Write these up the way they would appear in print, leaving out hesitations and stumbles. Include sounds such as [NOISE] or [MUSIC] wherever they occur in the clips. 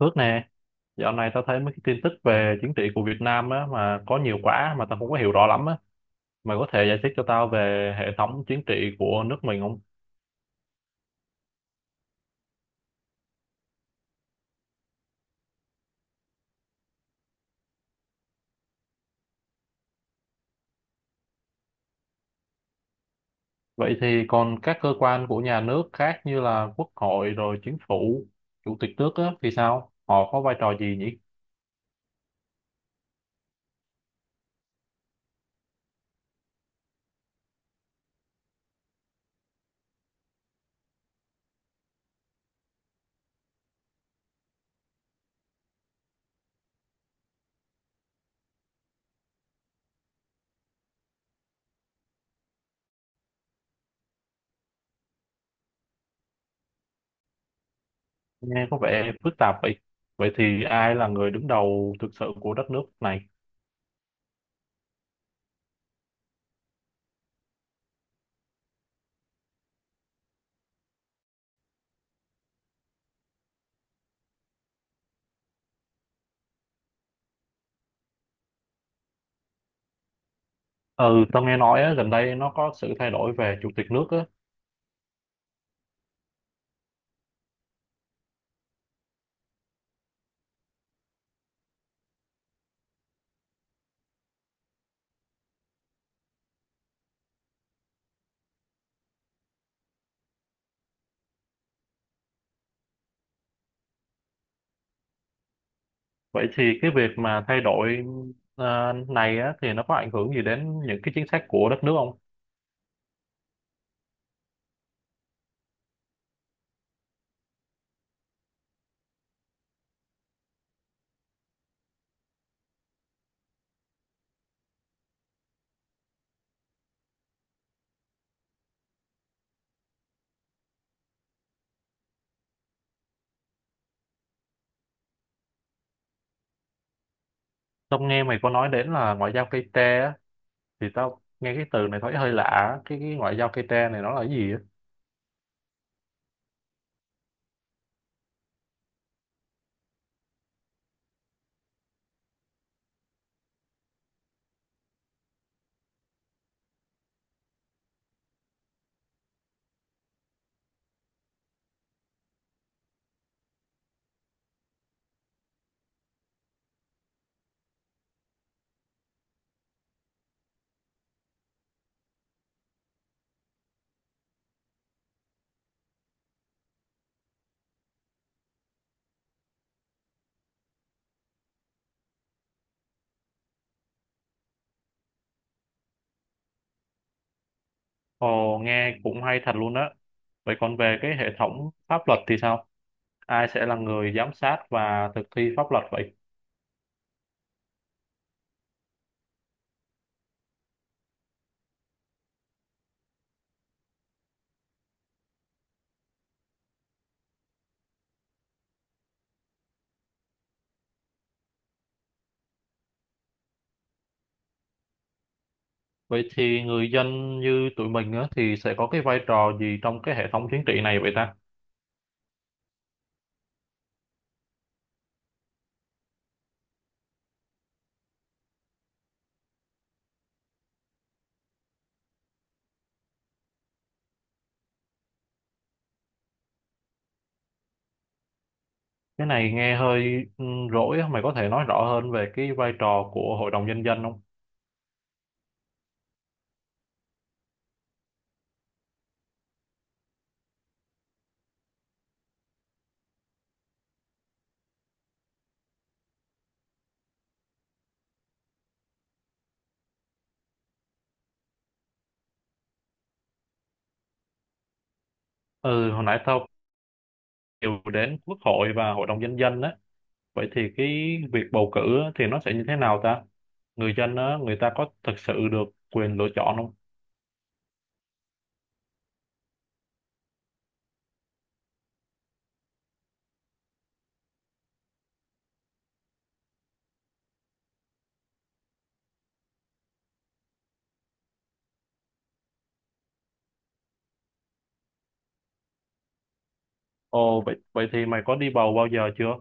Phước nè, dạo này tao thấy mấy cái tin tức về chính trị của Việt Nam á, mà có nhiều quá mà tao không có hiểu rõ lắm á. Mày có thể giải thích cho tao về hệ thống chính trị của nước mình không? Vậy thì còn các cơ quan của nhà nước khác như là Quốc hội rồi chính phủ, chủ tịch nước á, thì sao? Họ có vai trò gì nhỉ? Nghe có vẻ phức tạp vậy. Vậy thì ai là người đứng đầu thực sự của đất nước này? Ừ, tao nghe nói á, gần đây nó có sự thay đổi về chủ tịch nước á. Vậy thì cái việc mà thay đổi này á, thì nó có ảnh hưởng gì đến những cái chính sách của đất nước không? Tao nghe mày có nói đến là ngoại giao cây tre á, thì tao nghe cái từ này thấy hơi lạ á. Cái ngoại giao cây tre này nó là cái gì á? Ồ, nghe cũng hay thật luôn á. Vậy còn về cái hệ thống pháp luật thì sao? Ai sẽ là người giám sát và thực thi pháp luật vậy? Vậy thì người dân như tụi mình á, thì sẽ có cái vai trò gì trong cái hệ thống chính trị này vậy ta? Cái này nghe hơi rỗi á, mày có thể nói rõ hơn về cái vai trò của Hội đồng Nhân dân không? Ừ, hồi nãy tao đều đến Quốc hội và Hội đồng Nhân dân á. Vậy thì cái việc bầu cử á, thì nó sẽ như thế nào ta? Người dân á, người ta có thực sự được quyền lựa chọn không? Ồ, vậy thì mày có đi bầu bao giờ chưa?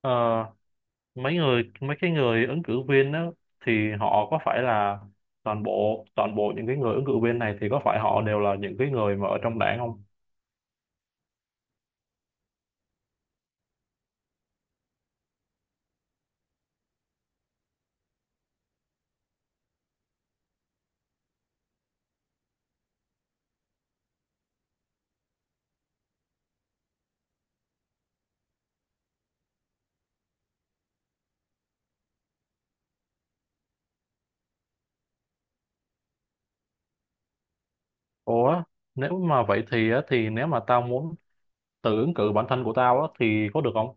Ờ, mấy cái người ứng cử viên á, thì họ có phải là toàn bộ những cái người ứng cử viên này thì có phải họ đều là những cái người mà ở trong đảng không? Ủa, nếu mà vậy thì á, thì nếu mà tao muốn tự ứng cử bản thân của tao á, thì có được không?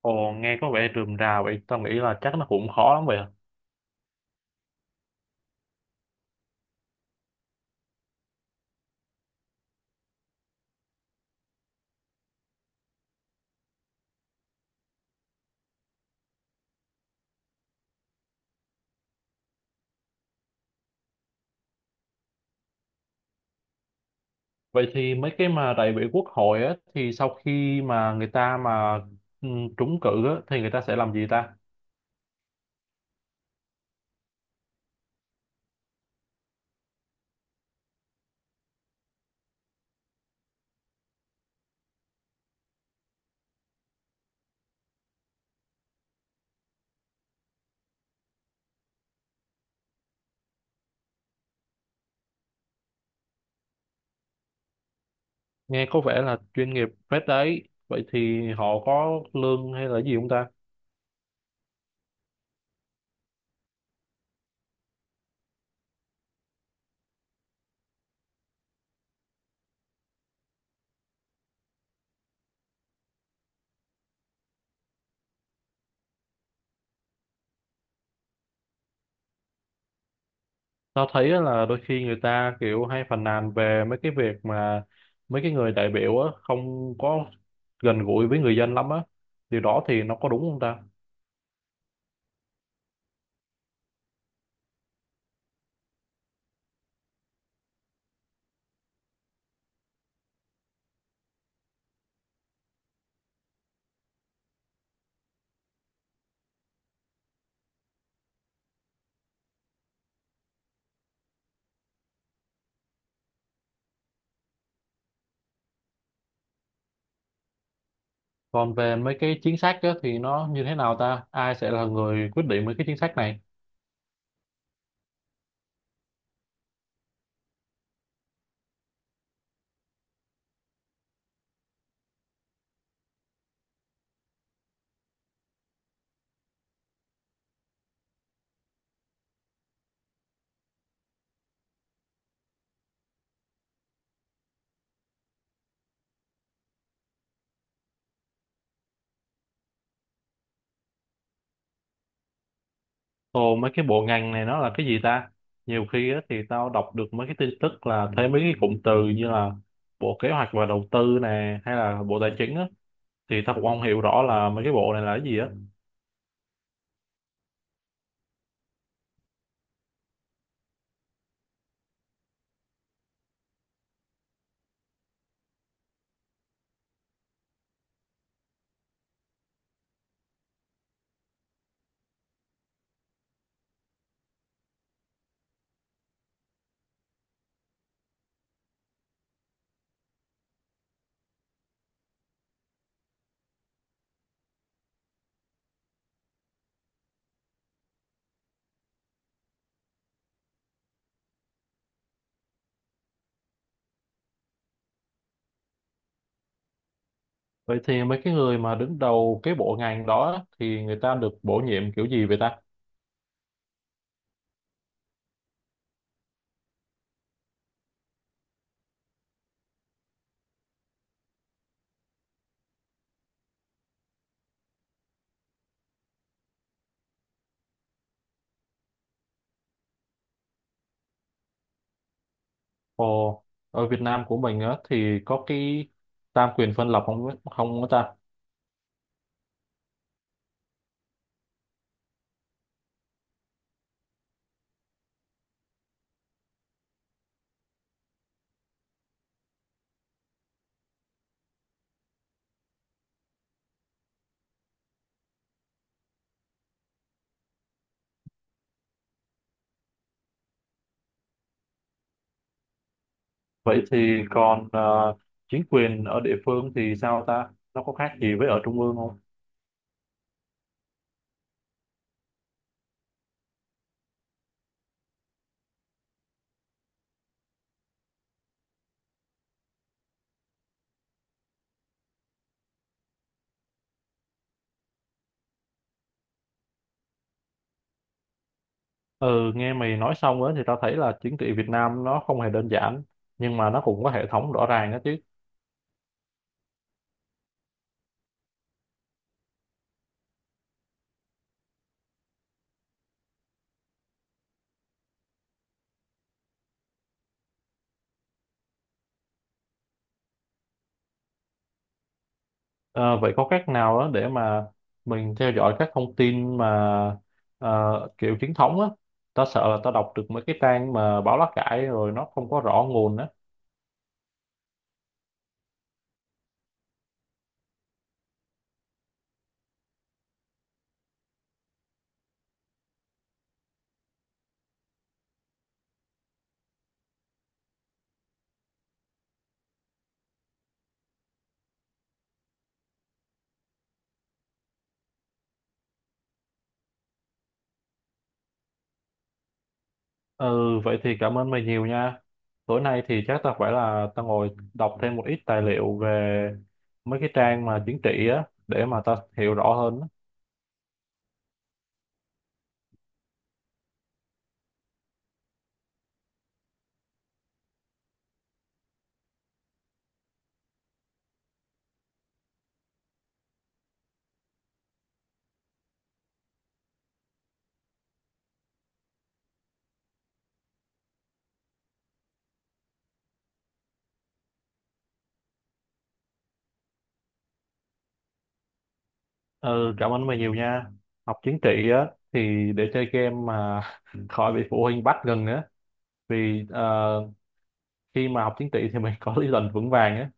Ồ, nghe có vẻ rườm rà vậy, tao nghĩ là chắc nó cũng khó lắm vậy à. Vậy thì mấy cái mà đại biểu quốc hội á, thì sau khi mà người ta mà ừ, trúng cử á, thì người ta sẽ làm gì ta? Nghe có vẻ là chuyên nghiệp phết đấy. Vậy thì họ có lương hay là gì không ta? Tao thấy á là đôi khi người ta kiểu hay phàn nàn về mấy cái việc mà mấy cái người đại biểu á không có gần gũi với người dân lắm á, điều đó thì nó có đúng không ta? Còn về mấy cái chính sách á thì nó như thế nào ta, ai sẽ là người quyết định mấy cái chính sách này? Ồ, mấy cái bộ ngành này nó là cái gì ta? Nhiều khi á thì tao đọc được mấy cái tin tức là thấy mấy cái cụm từ như là bộ kế hoạch và đầu tư nè hay là bộ tài chính á, thì tao cũng không hiểu rõ là mấy cái bộ này là cái gì á. Vậy thì mấy cái người mà đứng đầu cái bộ ngành đó thì người ta được bổ nhiệm kiểu gì vậy ta? Ồ, ở Việt Nam của mình á, thì có cái tam quyền phân lập không, không có ta? Vậy thì còn chính quyền ở địa phương thì sao ta? Nó có khác gì với ở trung ương không? Ừ, nghe mày nói xong á thì tao thấy là chính trị Việt Nam nó không hề đơn giản, nhưng mà nó cũng có hệ thống rõ ràng á chứ. Ờ, vậy có cách nào đó để mà mình theo dõi các thông tin mà kiểu chính thống á, ta sợ là ta đọc được mấy cái trang mà báo lá cải rồi nó không có rõ nguồn á. Ừ, vậy thì cảm ơn mày nhiều nha, tối nay thì chắc ta phải là ta ngồi đọc thêm một ít tài liệu về mấy cái trang mà chính trị á để mà ta hiểu rõ hơn á. Ừ, cảm ơn mày nhiều nha, học chính trị á thì để chơi game mà [LAUGHS] khỏi bị phụ huynh bắt gần nữa, vì khi mà học tiếng Tỵ thì mình [LAUGHS] có lý luận vững vàng á.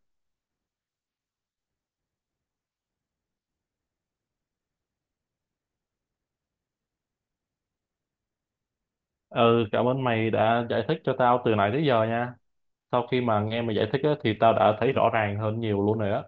Ừ, cảm ơn mày đã giải thích cho tao từ nãy tới giờ nha, sau khi mà nghe mày giải thích á, thì tao đã thấy rõ ràng hơn nhiều luôn rồi đó.